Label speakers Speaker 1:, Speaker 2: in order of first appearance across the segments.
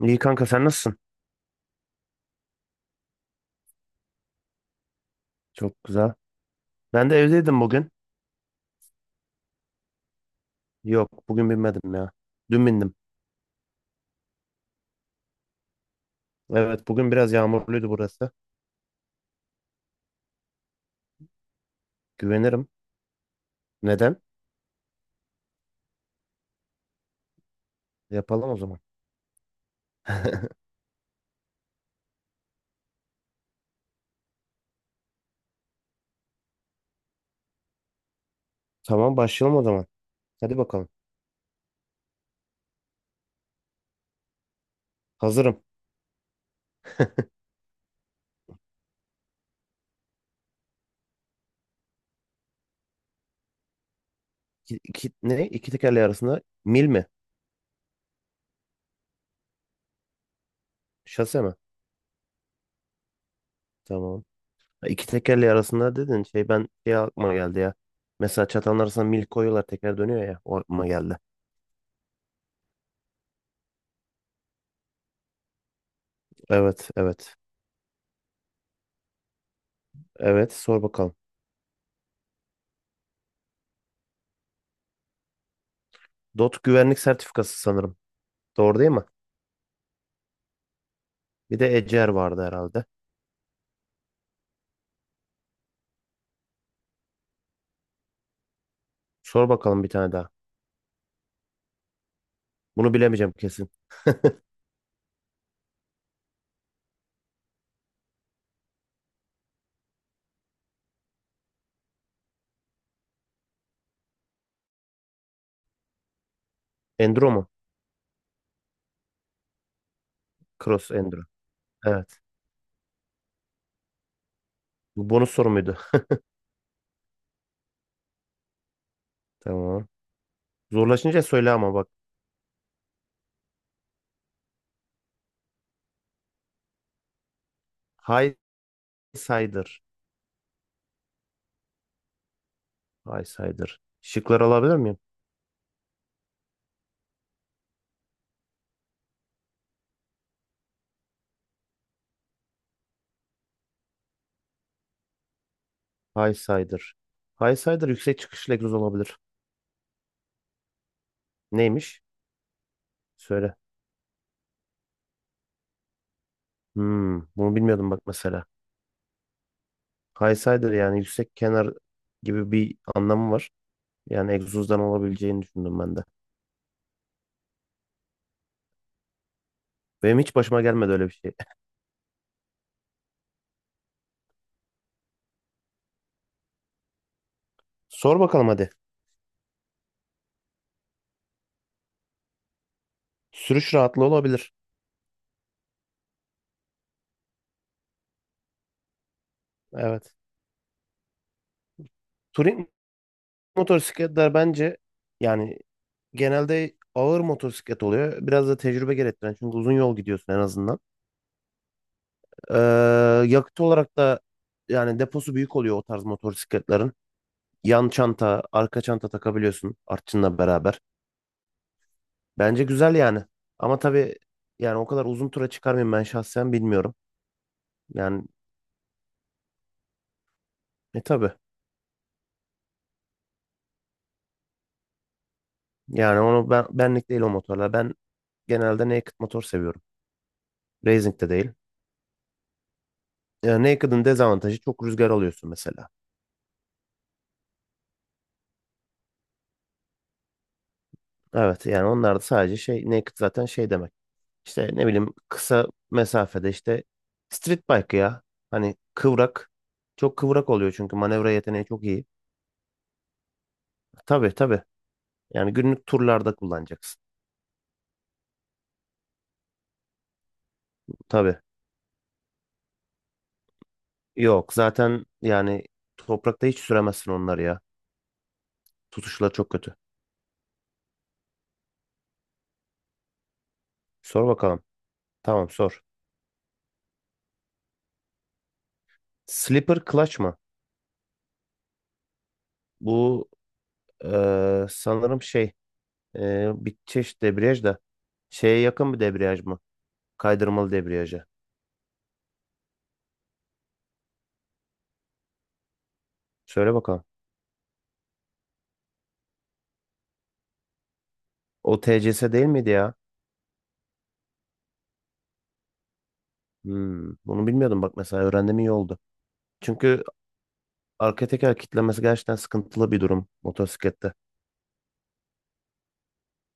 Speaker 1: İyi kanka sen nasılsın? Çok güzel. Ben de evdeydim bugün. Yok bugün binmedim ya. Dün bindim. Evet bugün biraz yağmurluydu burası. Güvenirim. Neden? Yapalım o zaman. Tamam başlayalım o zaman. Hadi bakalım. Hazırım. Ne? İki tekerleği arasında mil mi? Şase mi? Tamam. Ha, İki tekerleği arasında dedin şey ben aklıma geldi ya. Mesela çatanın arasına mil koyuyorlar, teker dönüyor ya. O aklıma geldi. Evet, evet. Evet, sor bakalım. DOT güvenlik sertifikası sanırım. Doğru değil mi? Bir de Eczer vardı herhalde. Sor bakalım bir tane daha. Bunu bilemeyeceğim kesin. Endro mu? Cross Endro. Evet. Bu bonus soru muydu? Tamam. Zorlaşınca söyle ama bak. High Sider. High Sider. Şıkları alabilir miyim? High Sider. High Sider yüksek çıkışlı egzoz olabilir. Neymiş? Söyle. Hmm, bunu bilmiyordum bak mesela. High Sider yani yüksek kenar gibi bir anlamı var. Yani egzozdan olabileceğini düşündüm ben de. Benim hiç başıma gelmedi öyle bir şey. Sor bakalım hadi. Sürüş rahatlığı olabilir. Evet. Touring motosikletler bence yani genelde ağır motosiklet oluyor. Biraz da tecrübe gerektiren, çünkü uzun yol gidiyorsun en azından. Ee, Yakıt olarak da yani deposu büyük oluyor o tarz motosikletlerin. Yan çanta, arka çanta takabiliyorsun artçınla beraber. Bence güzel yani. Ama tabii, yani o kadar uzun tura çıkar mıyım ben şahsen bilmiyorum. Yani tabii. Yani onu, ben benlik değil o motorlar. Ben genelde naked motor seviyorum. Racing de değil. Yani naked'ın dezavantajı, çok rüzgar alıyorsun mesela. Evet, yani onlar da sadece şey, naked zaten şey demek. İşte ne bileyim, kısa mesafede işte street bike ya. Hani kıvrak. Çok kıvrak oluyor çünkü manevra yeteneği çok iyi. Tabii, tabii. Yani günlük turlarda kullanacaksın. Tabii. Yok zaten yani, toprakta hiç süremezsin onları ya. Tutuşları çok kötü. Sor bakalım. Tamam, sor. Slipper clutch mı? Bu sanırım şey. Bir çeşit debriyaj da şeye yakın bir debriyaj mı? Kaydırmalı debriyaja. Söyle bakalım. O TCS değil miydi ya? Hmm, bunu bilmiyordum bak mesela, öğrendim iyi oldu. Çünkü arka teker kilitlemesi gerçekten sıkıntılı bir durum motosiklette.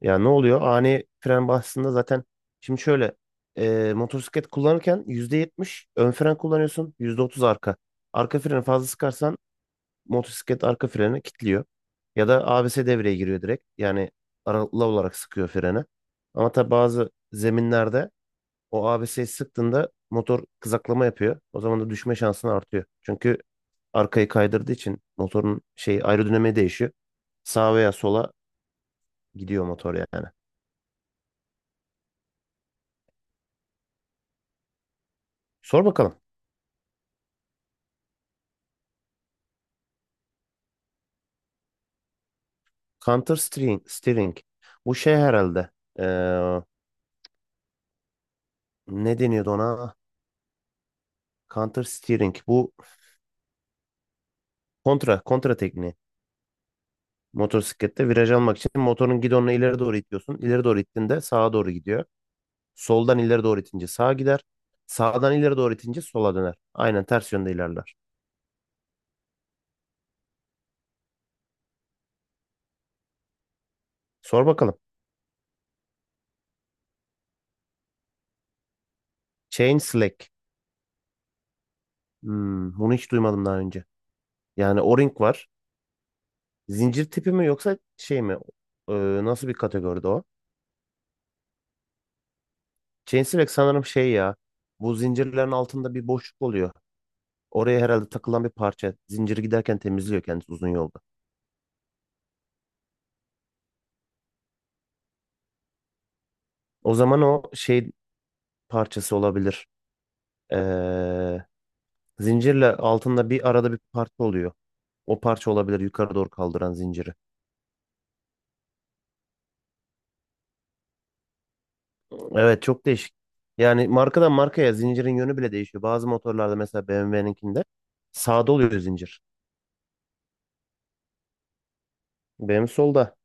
Speaker 1: Ya ne oluyor? Ani fren bastığında zaten, şimdi şöyle, motosiklet kullanırken %70 ön fren kullanıyorsun, %30 arka. Arka freni fazla sıkarsan motosiklet arka freni kilitliyor. Ya da ABS devreye giriyor direkt. Yani aralıklı olarak sıkıyor freni. Ama tabi bazı zeminlerde o ABS'yi sıktığında motor kızaklama yapıyor. O zaman da düşme şansın artıyor. Çünkü arkayı kaydırdığı için motorun aerodinamiği değişiyor. Sağa veya sola gidiyor motor yani. Sor bakalım. Counter steering, steering. Bu şey herhalde. Ee, Ne deniyordu ona? Counter steering. Bu kontra tekniği. Motosiklette viraj almak için motorun gidonunu ileri doğru itiyorsun. İleri doğru ittiğinde sağa doğru gidiyor. Soldan ileri doğru itince sağa gider. Sağdan ileri doğru itince sola döner. Aynen ters yönde ilerler. Sor bakalım. Chain slack. Hmm, bunu hiç duymadım daha önce. Yani o-ring var. Zincir tipi mi yoksa şey mi? Ee, Nasıl bir kategoride o? Chain slack sanırım şey ya. Bu zincirlerin altında bir boşluk oluyor. Oraya herhalde takılan bir parça. Zinciri giderken temizliyor kendisi uzun yolda. O zaman o şey parçası olabilir. Ee, Zincirle altında bir arada bir parça oluyor. O parça olabilir yukarı doğru kaldıran zinciri. Evet, çok değişik. Yani markadan markaya zincirin yönü bile değişiyor. Bazı motorlarda mesela BMW'ninkinde sağda oluyor zincir. Benim solda.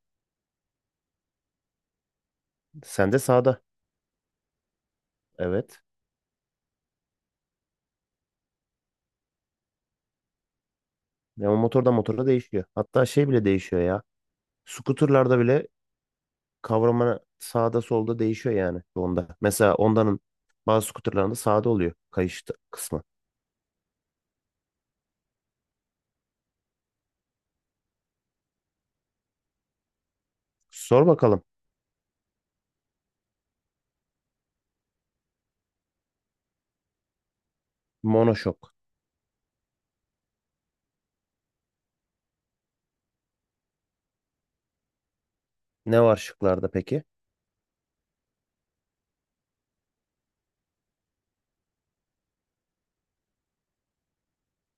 Speaker 1: Sende sağda. Evet. Ve o motorda değişiyor. Hatta şey bile değişiyor ya. Skuterlarda bile kavrama sağda solda değişiyor yani onda. Mesela Honda'nın bazı skuterlarında sağda oluyor kayış kısmı. Sor bakalım. Monoşok. Ne var şıklarda peki?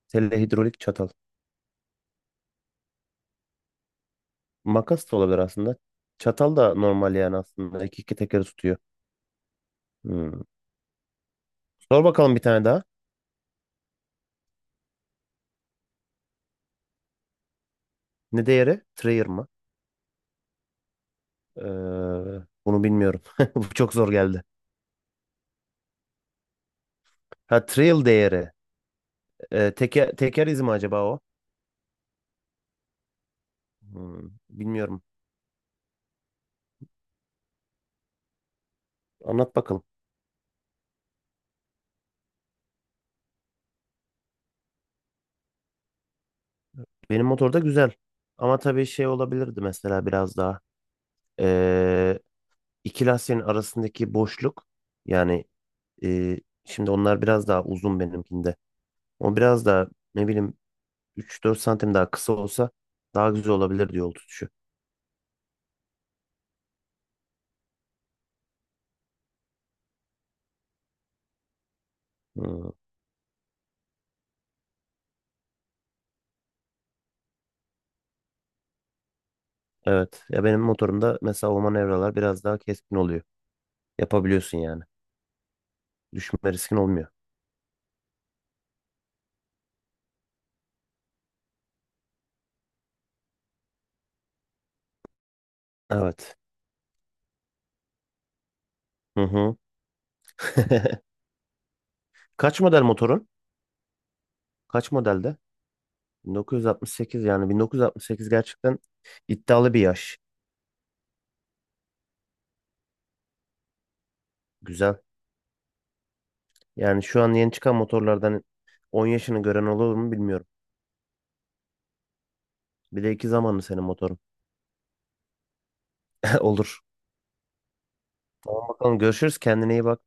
Speaker 1: Telehidrolik çatal. Makas da olabilir aslında. Çatal da normal yani aslında. İki tekeri tutuyor. Hmm. Sor bakalım bir tane daha. Ne değeri? Trayer mı? Ee, Bunu bilmiyorum. Bu çok zor geldi. Ha, trail değeri. Teker izi mi acaba o? Hmm, bilmiyorum. Anlat bakalım. Benim motorda güzel. Ama tabii şey olabilirdi mesela biraz daha. Ee, iki lastiğin arasındaki boşluk. Yani e, şimdi onlar biraz daha uzun benimkinde. O biraz daha, ne bileyim, üç dört santim daha kısa olsa daha güzel olabilir yol tutuşu. Hmm, evet. Ya benim motorumda mesela o manevralar biraz daha keskin oluyor. Yapabiliyorsun yani. Düşme riskin olmuyor. Evet. Hı hı. Kaç model motorun? Kaç modelde? 1968, yani 1968 gerçekten iddialı bir yaş. Güzel. Yani şu an yeni çıkan motorlardan 10 yaşını gören olur mu bilmiyorum. Bir de iki zamanlı senin motorun. Olur. Tamam bakalım, görüşürüz. Kendine iyi bak.